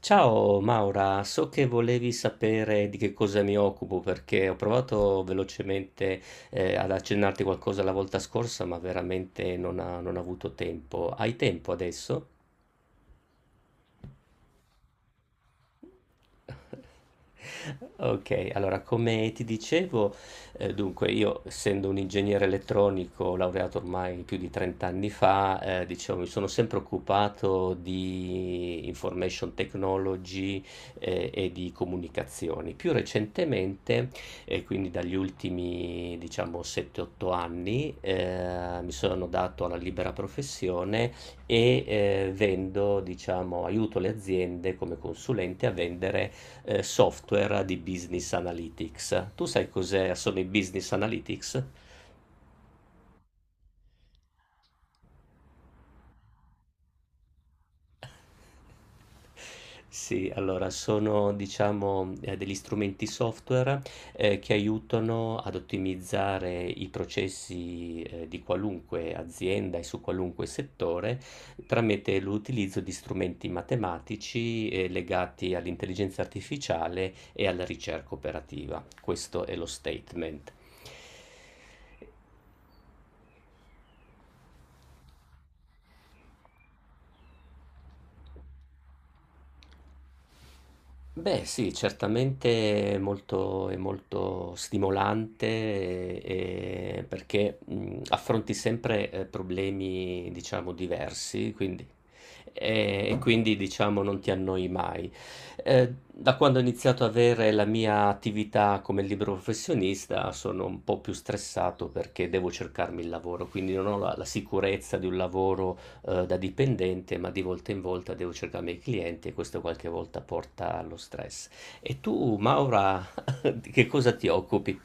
Ciao Maura, so che volevi sapere di che cosa mi occupo perché ho provato velocemente ad accennarti qualcosa la volta scorsa, ma veramente non ho avuto tempo. Hai tempo adesso? Ok, allora come ti dicevo, dunque io essendo un ingegnere elettronico laureato ormai più di 30 anni fa, diciamo, mi sono sempre occupato di information technology, e di comunicazioni. Più recentemente, e quindi dagli ultimi diciamo 7-8 anni, mi sono dato alla libera professione e vendo, diciamo, aiuto le aziende come consulente a vendere software di business analytics. Tu sai cos'è? Sono i business analytics? Sì, allora sono diciamo degli strumenti software che aiutano ad ottimizzare i processi di qualunque azienda e su qualunque settore tramite l'utilizzo di strumenti matematici legati all'intelligenza artificiale e alla ricerca operativa. Questo è lo statement. Beh, sì, certamente è molto stimolante e perché affronti sempre problemi, diciamo, diversi, quindi, e quindi, diciamo, non ti annoi mai. Da quando ho iniziato ad avere la mia attività come libero professionista sono un po' più stressato perché devo cercarmi il lavoro, quindi non ho la sicurezza di un lavoro da dipendente, ma di volta in volta devo cercarmi i miei clienti e questo qualche volta porta allo stress. E tu, Maura, di che cosa ti occupi?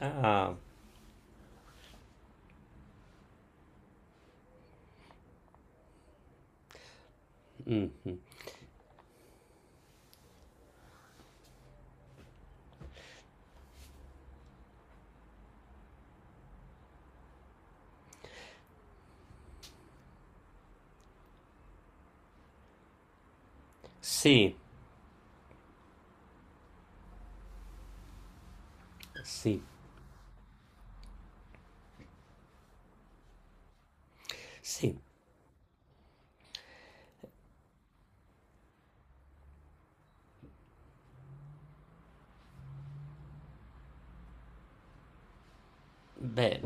Ah, mh-mh. Sì, sì, sì. Beh,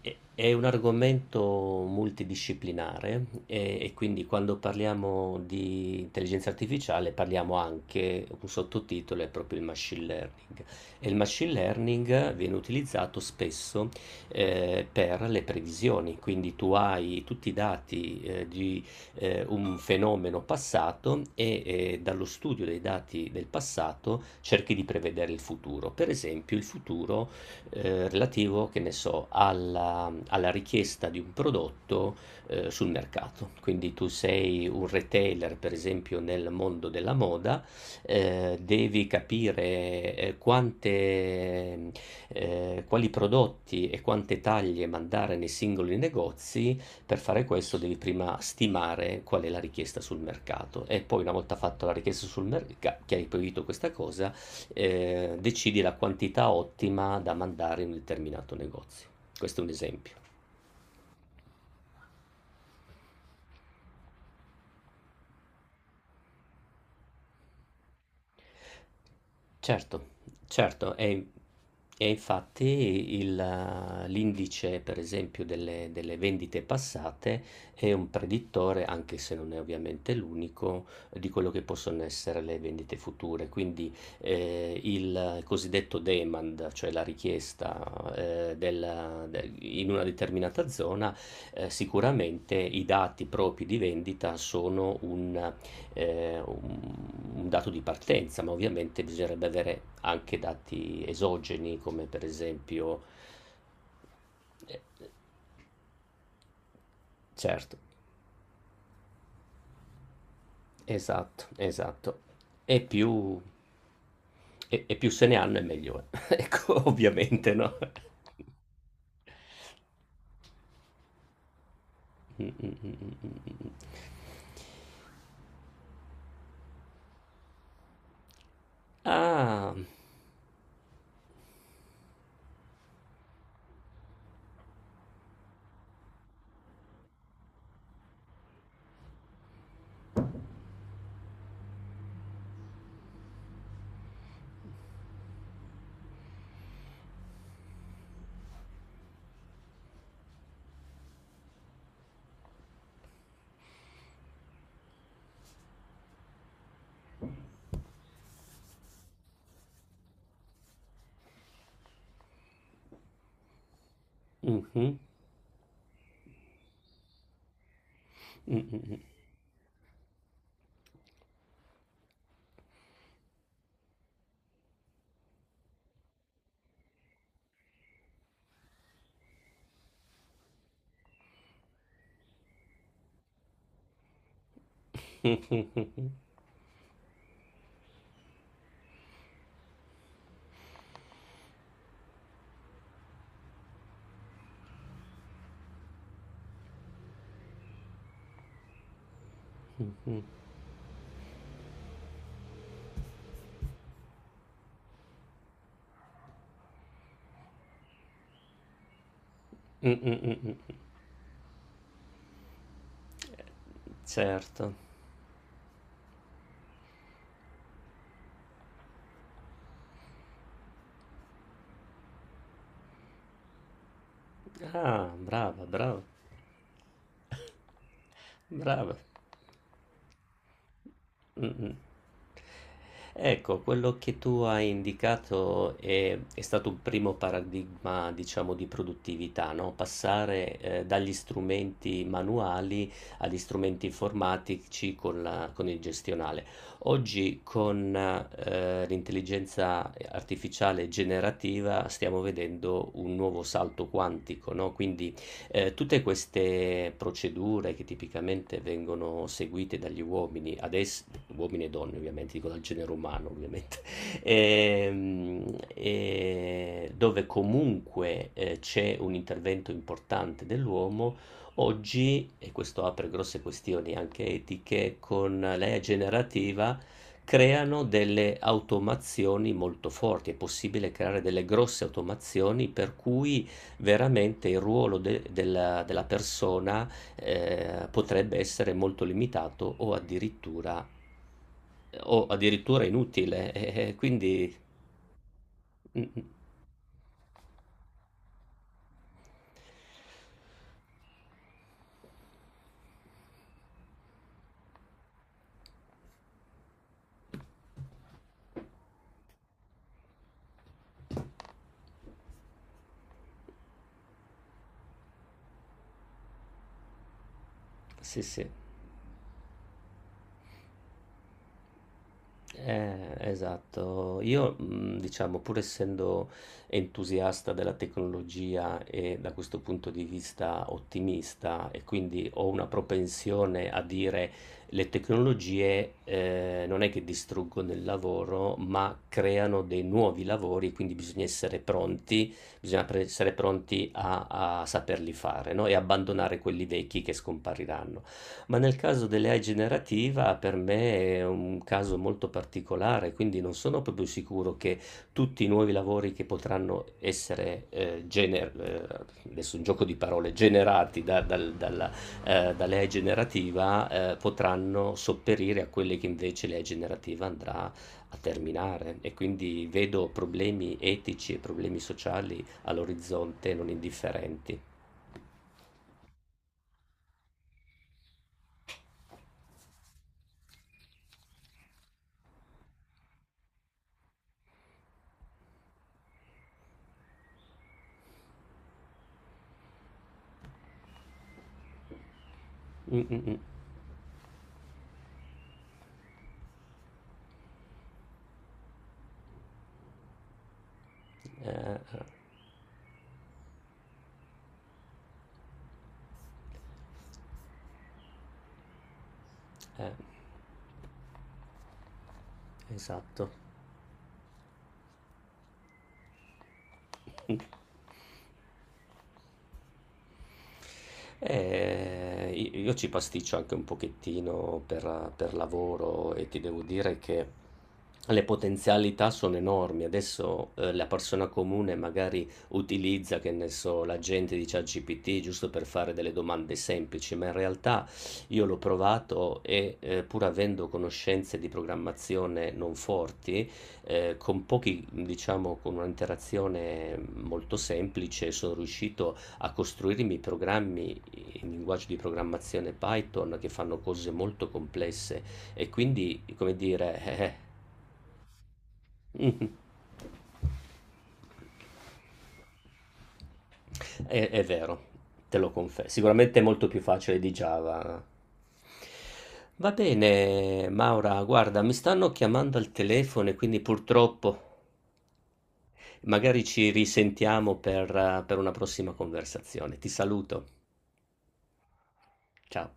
è un argomento multidisciplinare e quindi quando parliamo di intelligenza artificiale parliamo anche, un sottotitolo è proprio il machine learning. E il machine learning viene utilizzato spesso per le previsioni, quindi tu hai tutti i dati di un fenomeno passato e dallo studio dei dati del passato cerchi di prevedere il futuro. Per esempio, il futuro relativo, che ne so, alla richiesta di un prodotto sul mercato. Quindi tu sei un retailer, per esempio, nel mondo della moda, devi capire quali prodotti e quante taglie mandare nei singoli negozi. Per fare questo devi prima stimare qual è la richiesta sul mercato e poi una volta fatta la richiesta sul mercato, che hai proibito questa cosa, decidi la quantità ottima da mandare in un determinato negozio. Questo è un esempio. Certo, certo, e infatti l'indice, per esempio, delle vendite passate è un predittore, anche se non è ovviamente l'unico, di quello che possono essere le vendite future. Quindi il cosiddetto demand, cioè la richiesta in una determinata zona, sicuramente i dati propri di vendita sono un dato di partenza, ma ovviamente bisognerebbe avere anche dati esogeni, come per esempio... eh, certo, esatto, esatto. E più, e più se ne hanno e meglio è. Ecco, ovviamente, no? Mm, mm, mm, mm, mm. Ah, mhm, mm, mm, mm. Mm, mm, mm, mm. Certo. Ah, brava, brava, brava. Mh-mh. Ecco, quello che tu hai indicato è stato un primo paradigma, diciamo, di produttività, no, passare, dagli strumenti manuali agli strumenti informatici con la con il gestionale. Oggi con, l'intelligenza, artificiale generativa stiamo vedendo un nuovo salto quantico, no, quindi tutte queste procedure che tipicamente vengono seguite dagli uomini, adesso, uomini e donne ovviamente, dico dal genere umano ovviamente, dove comunque c'è un intervento importante dell'uomo, oggi, e questo apre grosse questioni anche etiche, con l'AI generativa creano delle automazioni molto forti, è possibile creare delle grosse automazioni per cui veramente il ruolo de della della persona, potrebbe essere molto limitato o addirittura inutile, quindi mh-mh. Sì, sì. Esatto. Io, diciamo, pur essendo entusiasta della tecnologia e da questo punto di vista ottimista, e quindi ho una propensione a dire le tecnologie non è che distruggono il lavoro, ma creano dei nuovi lavori, quindi bisogna essere pronti, essere pronti a saperli fare, no? E abbandonare quelli vecchi che scompariranno. Ma nel caso dell'AI generativa per me è un caso molto particolare, quindi non sono proprio sicuro che tutti i nuovi lavori che potranno essere, adesso un gioco di parole, generati dalla, dall'AI generativa, potranno sopperire a quelli che invece l'AI generativa andrà a terminare. E quindi vedo problemi etici e problemi sociali all'orizzonte non indifferenti. Mm, mm, mm. Eh, eh. Esatto. Io ci pasticcio anche un pochettino per lavoro e ti devo dire che le potenzialità sono enormi. Adesso la persona comune magari utilizza, che ne so, l'agente di ChatGPT giusto per fare delle domande semplici, ma in realtà io l'ho provato e pur avendo conoscenze di programmazione non forti, con pochi, diciamo, con un'interazione molto semplice sono riuscito a costruire i miei programmi in linguaggio di programmazione Python che fanno cose molto complesse e quindi, come dire, eh, è vero, te lo confesso. Sicuramente è molto più facile di Java. Va bene, Maura, guarda, mi stanno chiamando al telefono e quindi purtroppo magari ci risentiamo per una prossima conversazione. Ti saluto. Ciao.